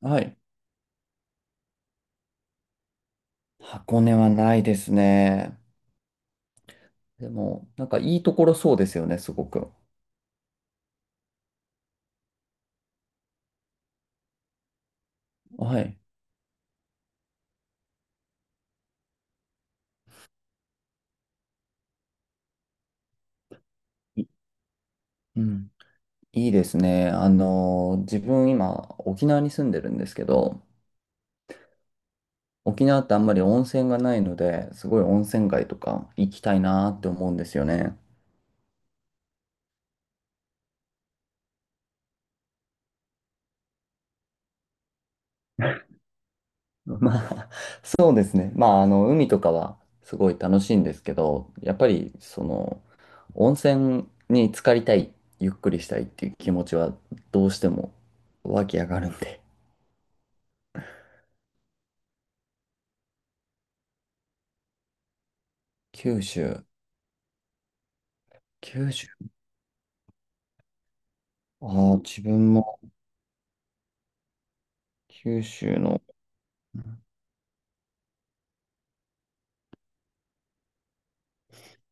はい。箱根はないですね。でも、なんかいいところそうですよね、すごく。はい。いうん。いいですね。自分今、沖縄に住んでるんですけど、沖縄ってあんまり温泉がないので、すごい温泉街とか行きたいなーって思うんですよね。まあ、そうですね。まあ、海とかはすごい楽しいんですけど、やっぱり、その、温泉に浸かりたい、ゆっくりしたいっていう気持ちは、どうしても湧き上がるんで。九州、九州。ああ、自分も九州の、う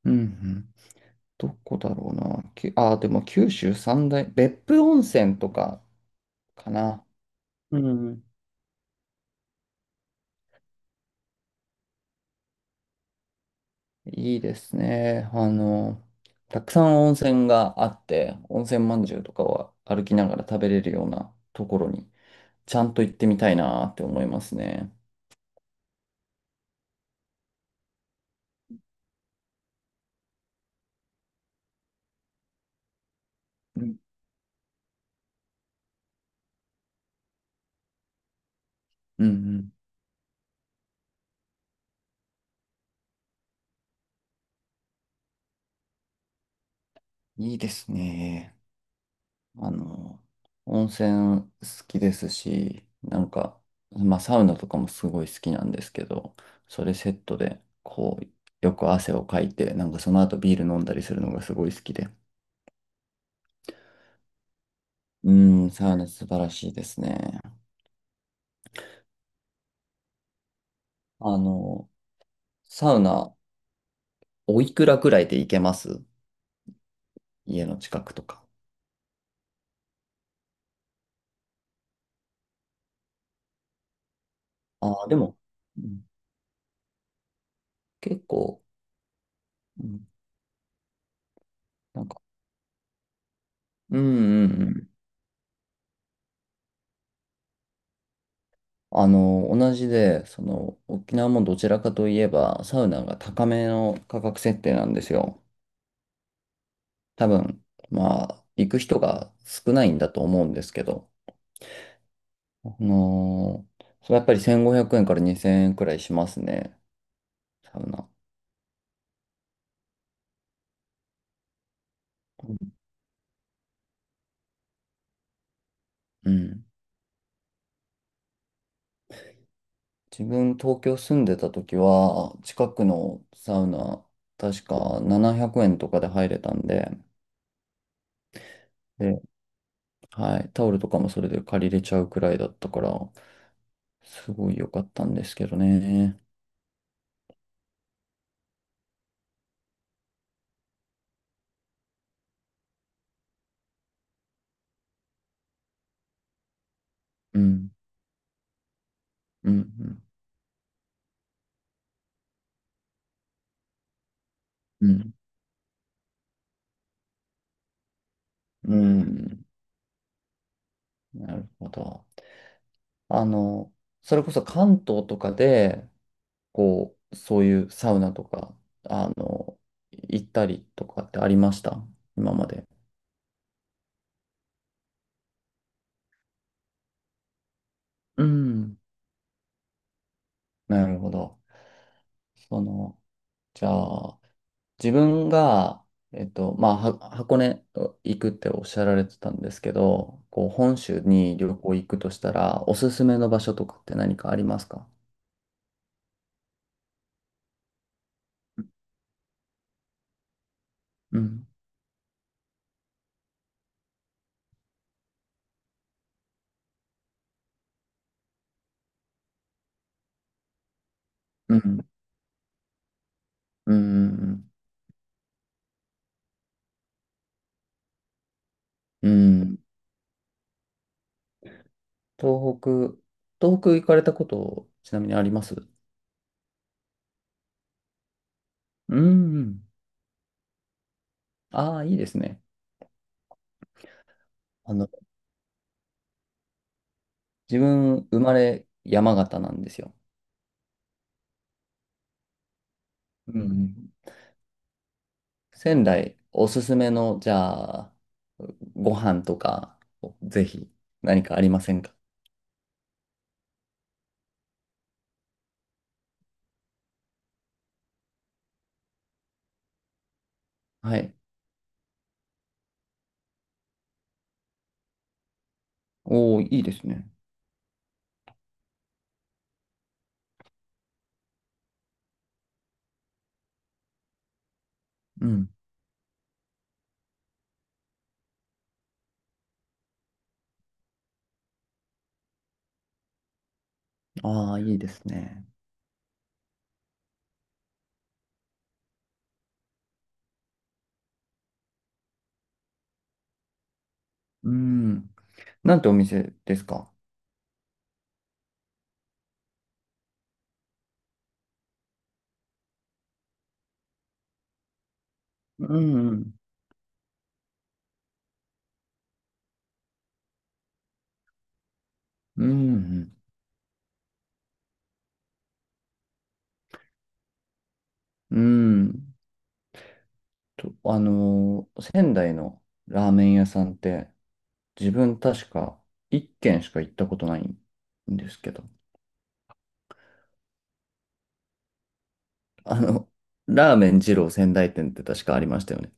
んうん。どこだろうな。ああ、でも九州三大、別府温泉とかかな。うん。いいですね。たくさん温泉があって、温泉まんじゅうとかは歩きながら食べれるようなところに、ちゃんと行ってみたいなって思いますね。うん、うん、うん。いいですね。あの、温泉好きですし、なんか、まあ、サウナとかもすごい好きなんですけど、それセットで、こう、よく汗をかいて、なんかその後ビール飲んだりするのがすごい好きで。うん、サウナ素晴らしいですね。あの、サウナ、おいくらくらいで行けます？家の近くとか。ああ、でも、うん、結構、うん、なんか、うんうんうん。同じで、その、沖縄もどちらかといえば、サウナが高めの価格設定なんですよ。多分、まあ、行く人が少ないんだと思うんですけど、それやっぱり1500円から2000円くらいしますね、サウナ。うん。うん。自分東京住んでた時は、近くのサウナ、確か700円とかで入れたんで、で、はい、タオルとかもそれで借りれちゃうくらいだったから、すごい良かったんですけどね。うん、うん、うん、うん、うん。なるほど。あの、それこそ関東とかで、こう、そういうサウナとか、あの、行ったりとかってありました？今まで。うん、なるほど。その、じゃあ、自分が、まあ、箱根行くっておっしゃられてたんですけど、こう、本州に旅行行くとしたら、おすすめの場所とかって何かありますか？うん、うん、うん、うん。東北、東北行かれたこと、ちなみにあります？うん、うん。ああ、いいですね。あの、自分、生まれ山形なんですよ。うんうん。仙台おすすめの、じゃあ、ご飯とか、ぜひ何かありませんか？はい。おー、いいですね。うん。ああ、いいですね。うん。なんてお店ですか？うんうん。うん。うん仙台のラーメン屋さんって、自分確か1軒しか行ったことないんですけど、あの、ラーメン二郎仙台店って確かありましたよね。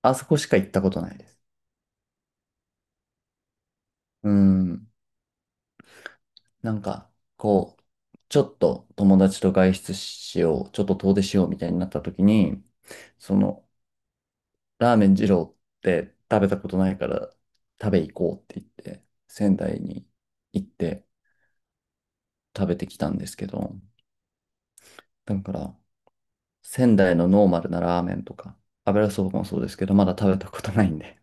あそこしか行ったことないです。うん。なんか、こう、ちょっと友達と外出しよう、ちょっと遠出しようみたいになった時に、その、ラーメン二郎って食べたことないから食べ行こうって言って、仙台に行って食べてきたんですけど、だから、仙台のノーマルなラーメンとか、油そばもそうですけど、まだ食べたことないんで。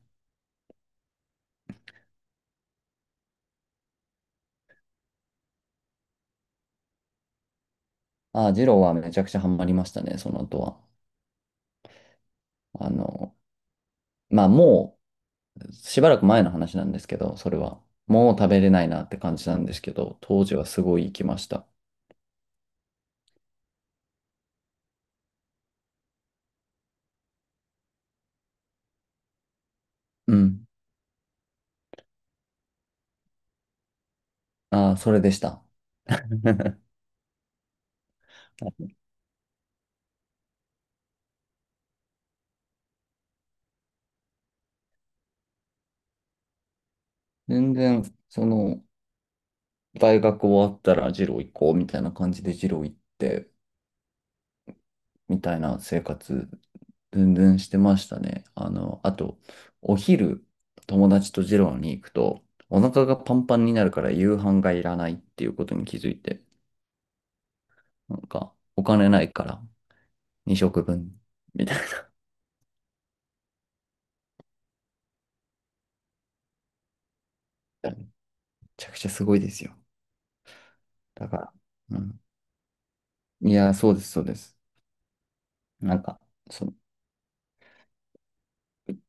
ああ、二郎はめちゃくちゃハマりましたね、その後は。あの、まあもう、しばらく前の話なんですけど、それは。もう食べれないなって感じなんですけど、当時はすごい行きました。うん。ああ、それでした。全然、その、大学終わったらジロー行こうみたいな感じでジロー行って、みたいな生活、全然してましたね。あと、お昼、友達とジローに行くと、お腹がパンパンになるから夕飯がいらないっていうことに気づいて、なんか、お金ないから、2食分、みたいな。ちゃくちゃすごいですよ。だから、うん。いや、そうです、そうです。なんか、その、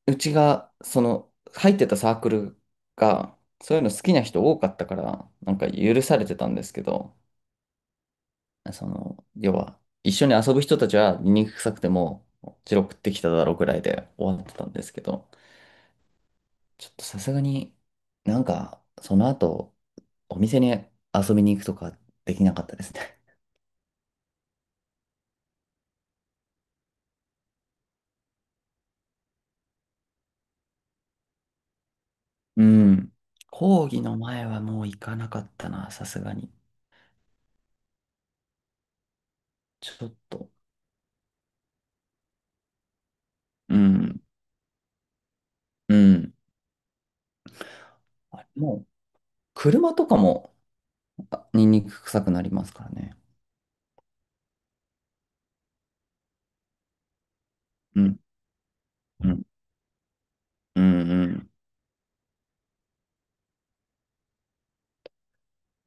うちが、その、入ってたサークルが、そういうの好きな人多かったから、なんか許されてたんですけど、その、要は、一緒に遊ぶ人たちは醜臭くても、チロちってきただろうぐらいで終わってたんですけど、ちょっとさすがに、なんか、その後、お店に遊びに行くとかできなかったですね。うん。講義の前はもう行かなかったな、さすがに。ちょっと、うん、うん、あれもう、車とかも、あ、ニンニク臭くなりますからね。うん、うん、うん、うん。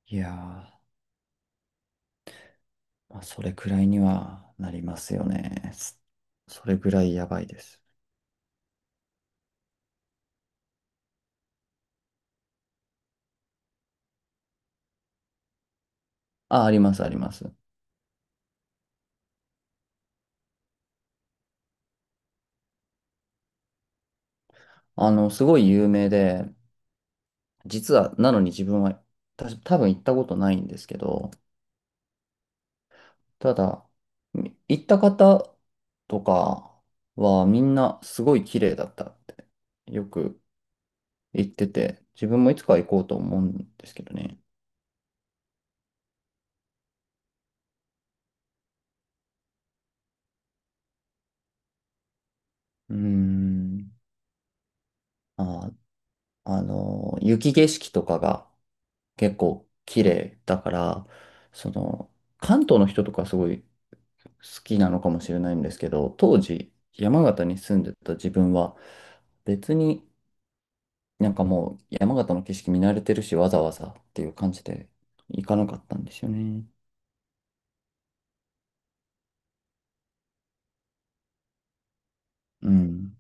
いやー、まあ、それくらいにはなりますよね。それくらいやばいです。あ、あります、あります。すごい有名で、実は、なのに自分は、多分行ったことないんですけど、ただ、行った方とかはみんなすごい綺麗だったってよく行ってて、自分もいつかは行こうと思うんですけどね。うーん。あ、雪景色とかが結構綺麗だから、その、関東の人とかすごい好きなのかもしれないんですけど、当時山形に住んでた自分は別に、なんかもう山形の景色見慣れてるし、わざわざっていう感じで行かなかったんですよね。うん。